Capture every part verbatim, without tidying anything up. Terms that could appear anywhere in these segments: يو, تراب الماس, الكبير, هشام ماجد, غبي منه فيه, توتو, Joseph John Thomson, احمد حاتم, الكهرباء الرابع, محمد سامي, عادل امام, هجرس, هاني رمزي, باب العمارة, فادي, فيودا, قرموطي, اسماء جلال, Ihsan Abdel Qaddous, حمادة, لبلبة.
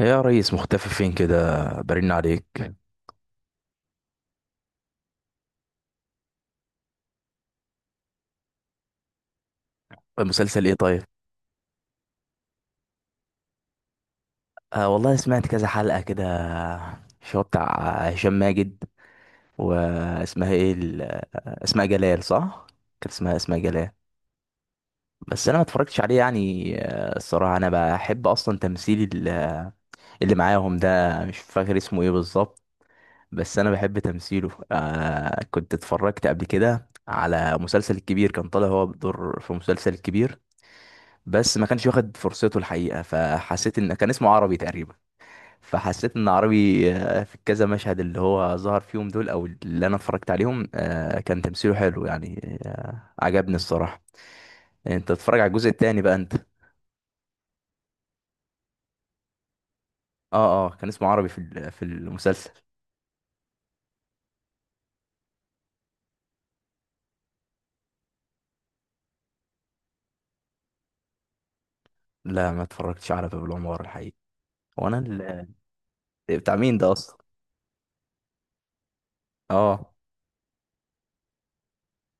إيه يا ريس، مختفي فين كده؟ برن عليك. المسلسل ايه طيب؟ آه والله سمعت كذا حلقة كده. شو بتاع هشام ماجد. واسمها ايه ال- اسماء جلال، صح؟ كانت اسمها اسماء جلال. بس انا ما اتفرجتش عليه يعني، آه، الصراحة انا بحب اصلا تمثيل ال- اللي معاهم ده. مش فاكر اسمه ايه بالظبط، بس انا بحب تمثيله. آه كنت اتفرجت قبل كده على مسلسل الكبير، كان طالع هو بدور في مسلسل الكبير، بس ما كانش واخد فرصته الحقيقه. فحسيت ان كان اسمه عربي تقريبا، فحسيت ان عربي. آه، في كذا مشهد اللي هو ظهر فيهم دول او اللي انا اتفرجت عليهم، آه، كان تمثيله حلو يعني، آه، عجبني الصراحه. يعني انت تتفرج على الجزء التاني بقى انت؟ اه اه، كان اسمه عربي في ال- في المسلسل. لا ما اتفرجتش على باب العمارة الحقيقه. هو انا ال- بتاع مين ده اصلا؟ اه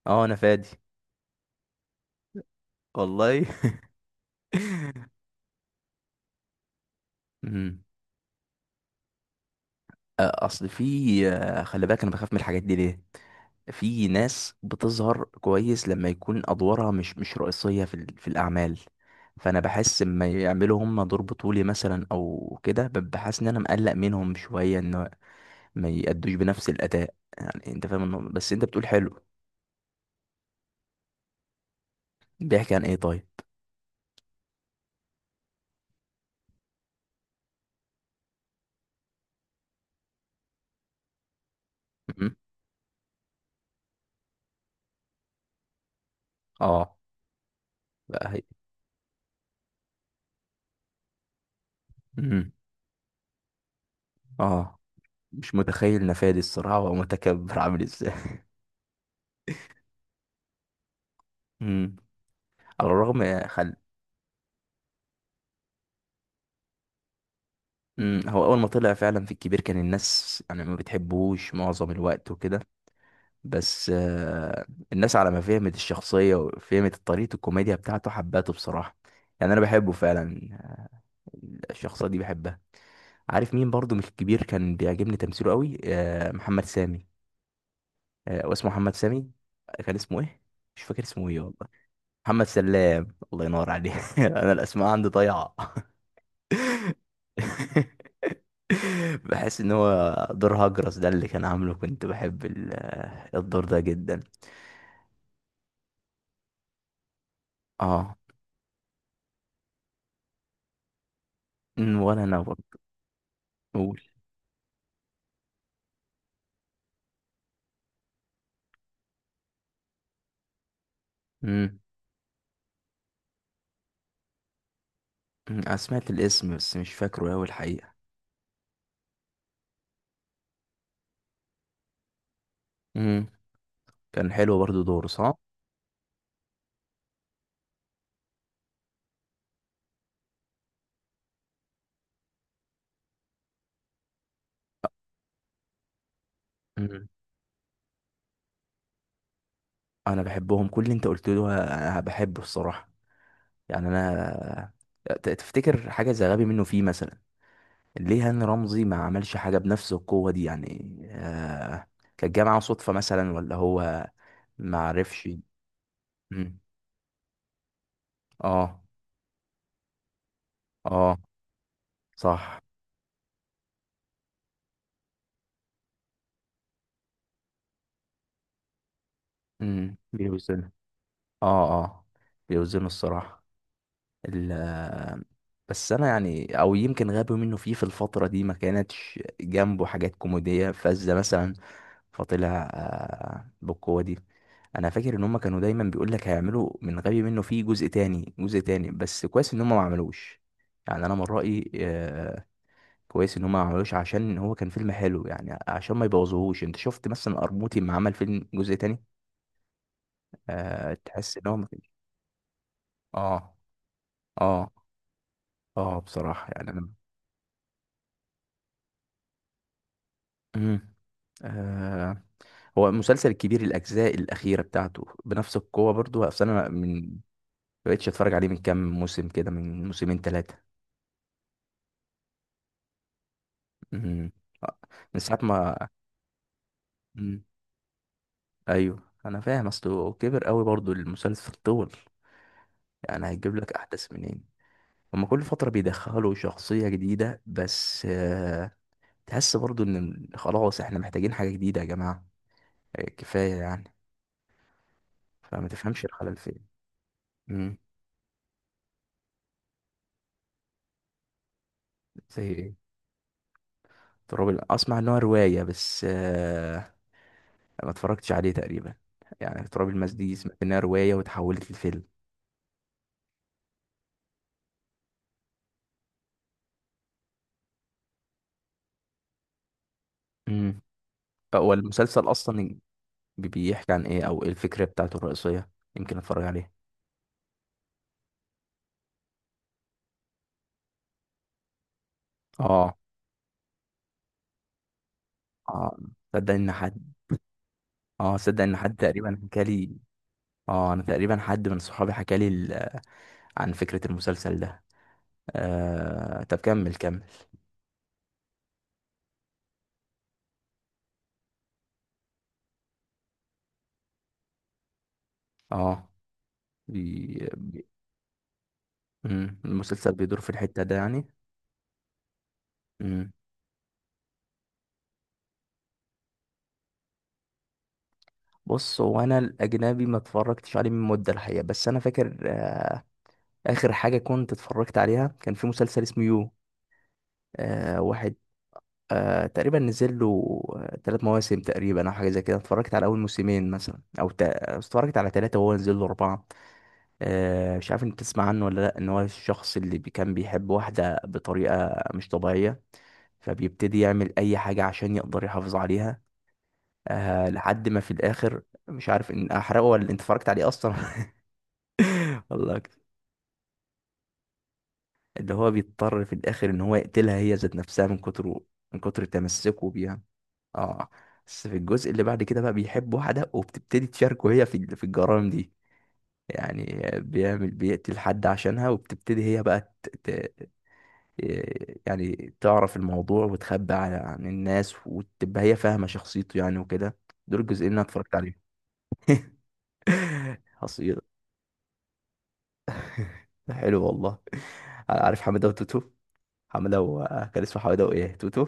اه انا فادي. والله. مم. آه، اصل في، آه، خلي بالك انا بخاف من الحاجات دي ليه. في ناس بتظهر كويس لما يكون ادوارها مش مش رئيسيه في ال- في الاعمال. فانا بحس لما يعملوا هم دور بطولي مثلا او كده ب- بحس ان انا مقلق منهم شويه ان ما يأدوش بنفس الاداء. يعني انت فاهم النقطة. بس انت بتقول حلو. بيحكي عن ايه طيب؟ مم. اه. بقى هي. مم. اه. مش متخيل نفادي الصراحه ومتكبر عامل ازاي. مم. على الرغم خل... امم هو اول ما طلع فعلا في الكبير كان الناس يعني ما بتحبوش معظم الوقت وكده. بس آه، الناس على ما فهمت الشخصيه وفهمت طريقه الكوميديا بتاعته حبته بصراحه. يعني انا بحبه فعلا، الشخصيه دي بحبها. عارف مين برضو مش الكبير كان بيعجبني تمثيله قوي؟ آه، محمد سامي. آه، واسمه محمد سامي، كان اسمه ايه؟ مش فاكر اسمه ايه والله. محمد سلام، الله ينور عليه. انا الاسماء عندي ضايعه. بحس ان هو دور هجرس ده اللي كان عامله كنت بحب ال- آه، الدور ده جدا. اه. أمم، ولا انا برضه. قول. امم. أمم، انا سمعت الاسم بس مش فاكره اوي الحقيقه. امم كان حلو برضه دوره، صح. امم. انا بحبهم، كل اللي انت قلته ده انا بحبه الصراحه. يعني انا آه، ت- تفتكر حاجه زي غبي منه فيه مثلا، ليه هاني رمزي ما عملش حاجه بنفس القوه دي يعني؟ آه كانت جايه معاه صدفه مثلا ولا هو ما عرفش؟ اه اه صح. امم بيوزنوا. اه اه بيوزنوا الصراحة. ال بس انا يعني، او يمكن غابوا منه فيه في الفترة دي ما كانتش جنبه حاجات كوميدية فذة مثلا، فطلع آه، بالقوة دي. انا فاكر ان هم كانوا دايما بيقول لك هيعملوا من غبي منه فيه جزء تاني، جزء تاني، بس كويس ان هم ما عملوش. يعني انا من رأيي، آه، كويس ان هم ما عملوش عشان هو كان فيلم حلو يعني، عشان ما يبوظوهوش. انت شفت مثلا قرموطي ما عمل فيلم جزء تاني، آه تحس ان هو ما كانش. اه اه اه. بصراحة يعني انا، مم. آه، هو المسلسل الكبير الاجزاء الاخيرة بتاعته بنفس القوة برضو، بس انا من ما بقتش اتفرج عليه من كام موسم كده، من موسمين ثلاثة، من ساعة ما. مم. ايوه انا فاهم، اصله كبر قوي برضو المسلسل، طول، يعني هيجيب لك احداث منين؟ هما كل فترة بيدخلوا شخصية جديدة، بس آه، تحس برضو إن خلاص إحنا محتاجين حاجة جديدة يا جماعة. آه، كفاية يعني. فما تفهمش الخلل فين. مم. زي إيه؟ تراب ال- أسمع إن هو رواية، بس آه، ما اتفرجتش عليه تقريبا. يعني تراب الماس دي سمعت إنها رواية وتحولت لفيلم. مم. هو المسلسل أصلا، بي- بيحكي عن إيه؟ أو إيه الفكرة بتاعته الرئيسية؟ يمكن أتفرج عليه. آه. آه. صدق إن حد. آه صدق إن حد تقريبا حكالي. اه انا تقريبا حد من صحابي حكى لي ال- عن فكرة المسلسل ده. آه... طب كمل كمل. اه. بي... بي... مم. المسلسل بيدور في الحتة ده يعني. مم. بص هو انا الاجنبي ما اتفرجتش عليه من مدة الحقيقة، بس انا فاكر آه... اخر حاجة كنت اتفرجت عليها كان في مسلسل اسمه يو. آه... واحد. آه... تقريبا نزل له ثلاث مواسم تقريبا او حاجة زي كده. اتفرجت على اول موسمين مثلا، او ت... اتفرجت على ثلاثة وهو نزل له اربعة. آه، مش عارف انت تسمع عنه ولا لا. ان هو الشخص اللي بي- كان بيحب واحدة بطريقة مش طبيعية، فبيبتدي يعمل اي حاجة عشان يقدر يحافظ عليها. آه لحد ما في الاخر، مش عارف ان احرقه ولا انت اتفرجت عليه اصلا. والله أكتر. اللي هو بيضطر في الاخر ان هو يقتلها هي ذات نفسها، من كتر من كتر تمسكه بيها. اه. بس في الجزء اللي بعد كده بقى بيحب واحدة، وبتبتدي تشاركه هي في ال- في الجرائم دي يعني. بيعمل، بيقتل حد عشانها، وبتبتدي هي بقى إيه، يعني تعرف الموضوع وتخبي عن عن الناس، وتبقى هي فاهمة شخصيته يعني وكده. دول الجزئين اللي انا اتفرجت عليهم. حصيلة. حلو والله. عارف حمادة وتوتو؟ حمادة و- كان اسمه حمادة وايه توتو؟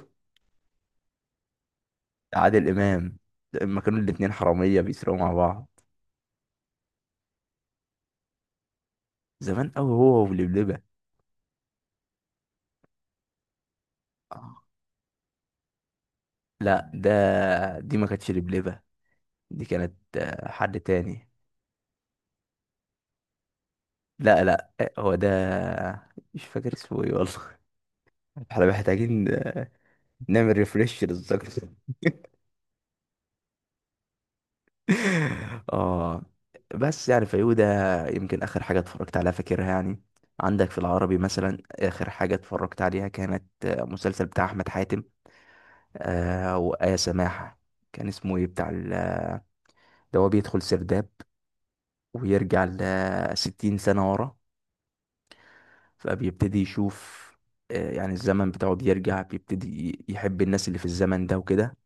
عادل امام، لما كانوا الاتنين حرامية بيسرقوا مع بعض. زمان قوي، هو ولبلبة. آه. لا ده، دي ما كانتش لبلبة، دي كانت آه، حد تاني. لا لا، هو ده. مش فاكر اسمه ايه والله. احنا محتاجين نعمل ريفريش للذاكرة. اه. بس يعني فيودا، يمكن اخر حاجة اتفرجت عليها فاكرها يعني. عندك في العربي مثلا اخر حاجة اتفرجت عليها كانت آه، مسلسل بتاع احمد حاتم آه وآية سماحة. كان اسمه ايه بتاع ال- اللي هو بيدخل سرداب ويرجع لستين سنة ورا، فبيبتدي يشوف آه، يعني الزمن بتاعه بيرجع، بيبتدي يحب الناس اللي في الزمن ده وكده.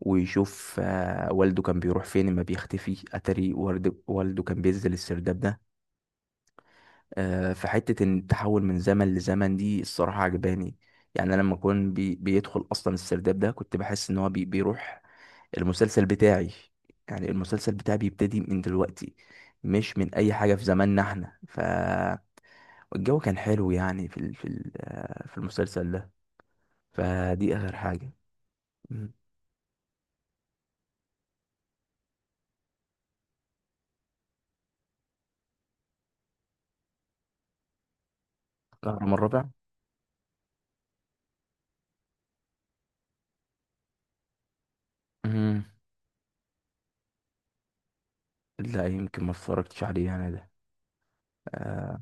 ويشوف آه، والده كان بيروح فين لما بيختفي، اتاري ورد- والده كان بينزل السرداب ده. آه، فحتة ان التحول من زمن لزمن دي الصراحة عجباني. يعني انا لما كان بي بيدخل اصلا السرداب ده كنت بحس ان هو بي بيروح المسلسل بتاعي، يعني المسلسل بتاعي بيبتدي من دلوقتي، مش من اي حاجة في زماننا احنا. ف. والجو كان حلو يعني في ال- في ال- آه، في المسلسل ده. فدي اخر حاجة. مم. الكهرباء الرابع. مم. لا يمكن ما اتفرجتش عليه انا ده. اه.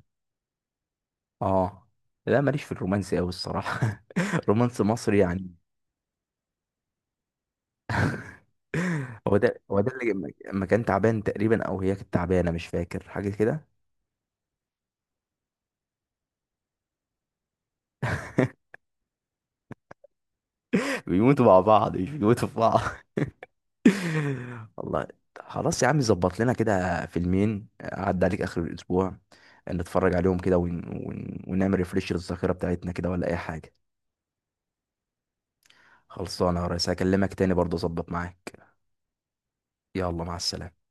آه. لا ماليش في الرومانسي قوي الصراحه. رومانس مصري يعني. هو ده هو ده اللي لما لما كان تعبان تقريبا، او هي كانت تعبانه، مش فاكر حاجه كده. بيموتوا مع بعض، مش بيموتوا في بعض. والله. خلاص يا عم، ظبط لنا كده فيلمين عدى عليك اخر الاسبوع، نتفرج عليهم كده ون... ون... ونعمل ريفريش للذاكره بتاعتنا كده ولا اي حاجه. خلصانه يا ريس، هكلمك تاني برضه اظبط معاك. يلا مع السلامه.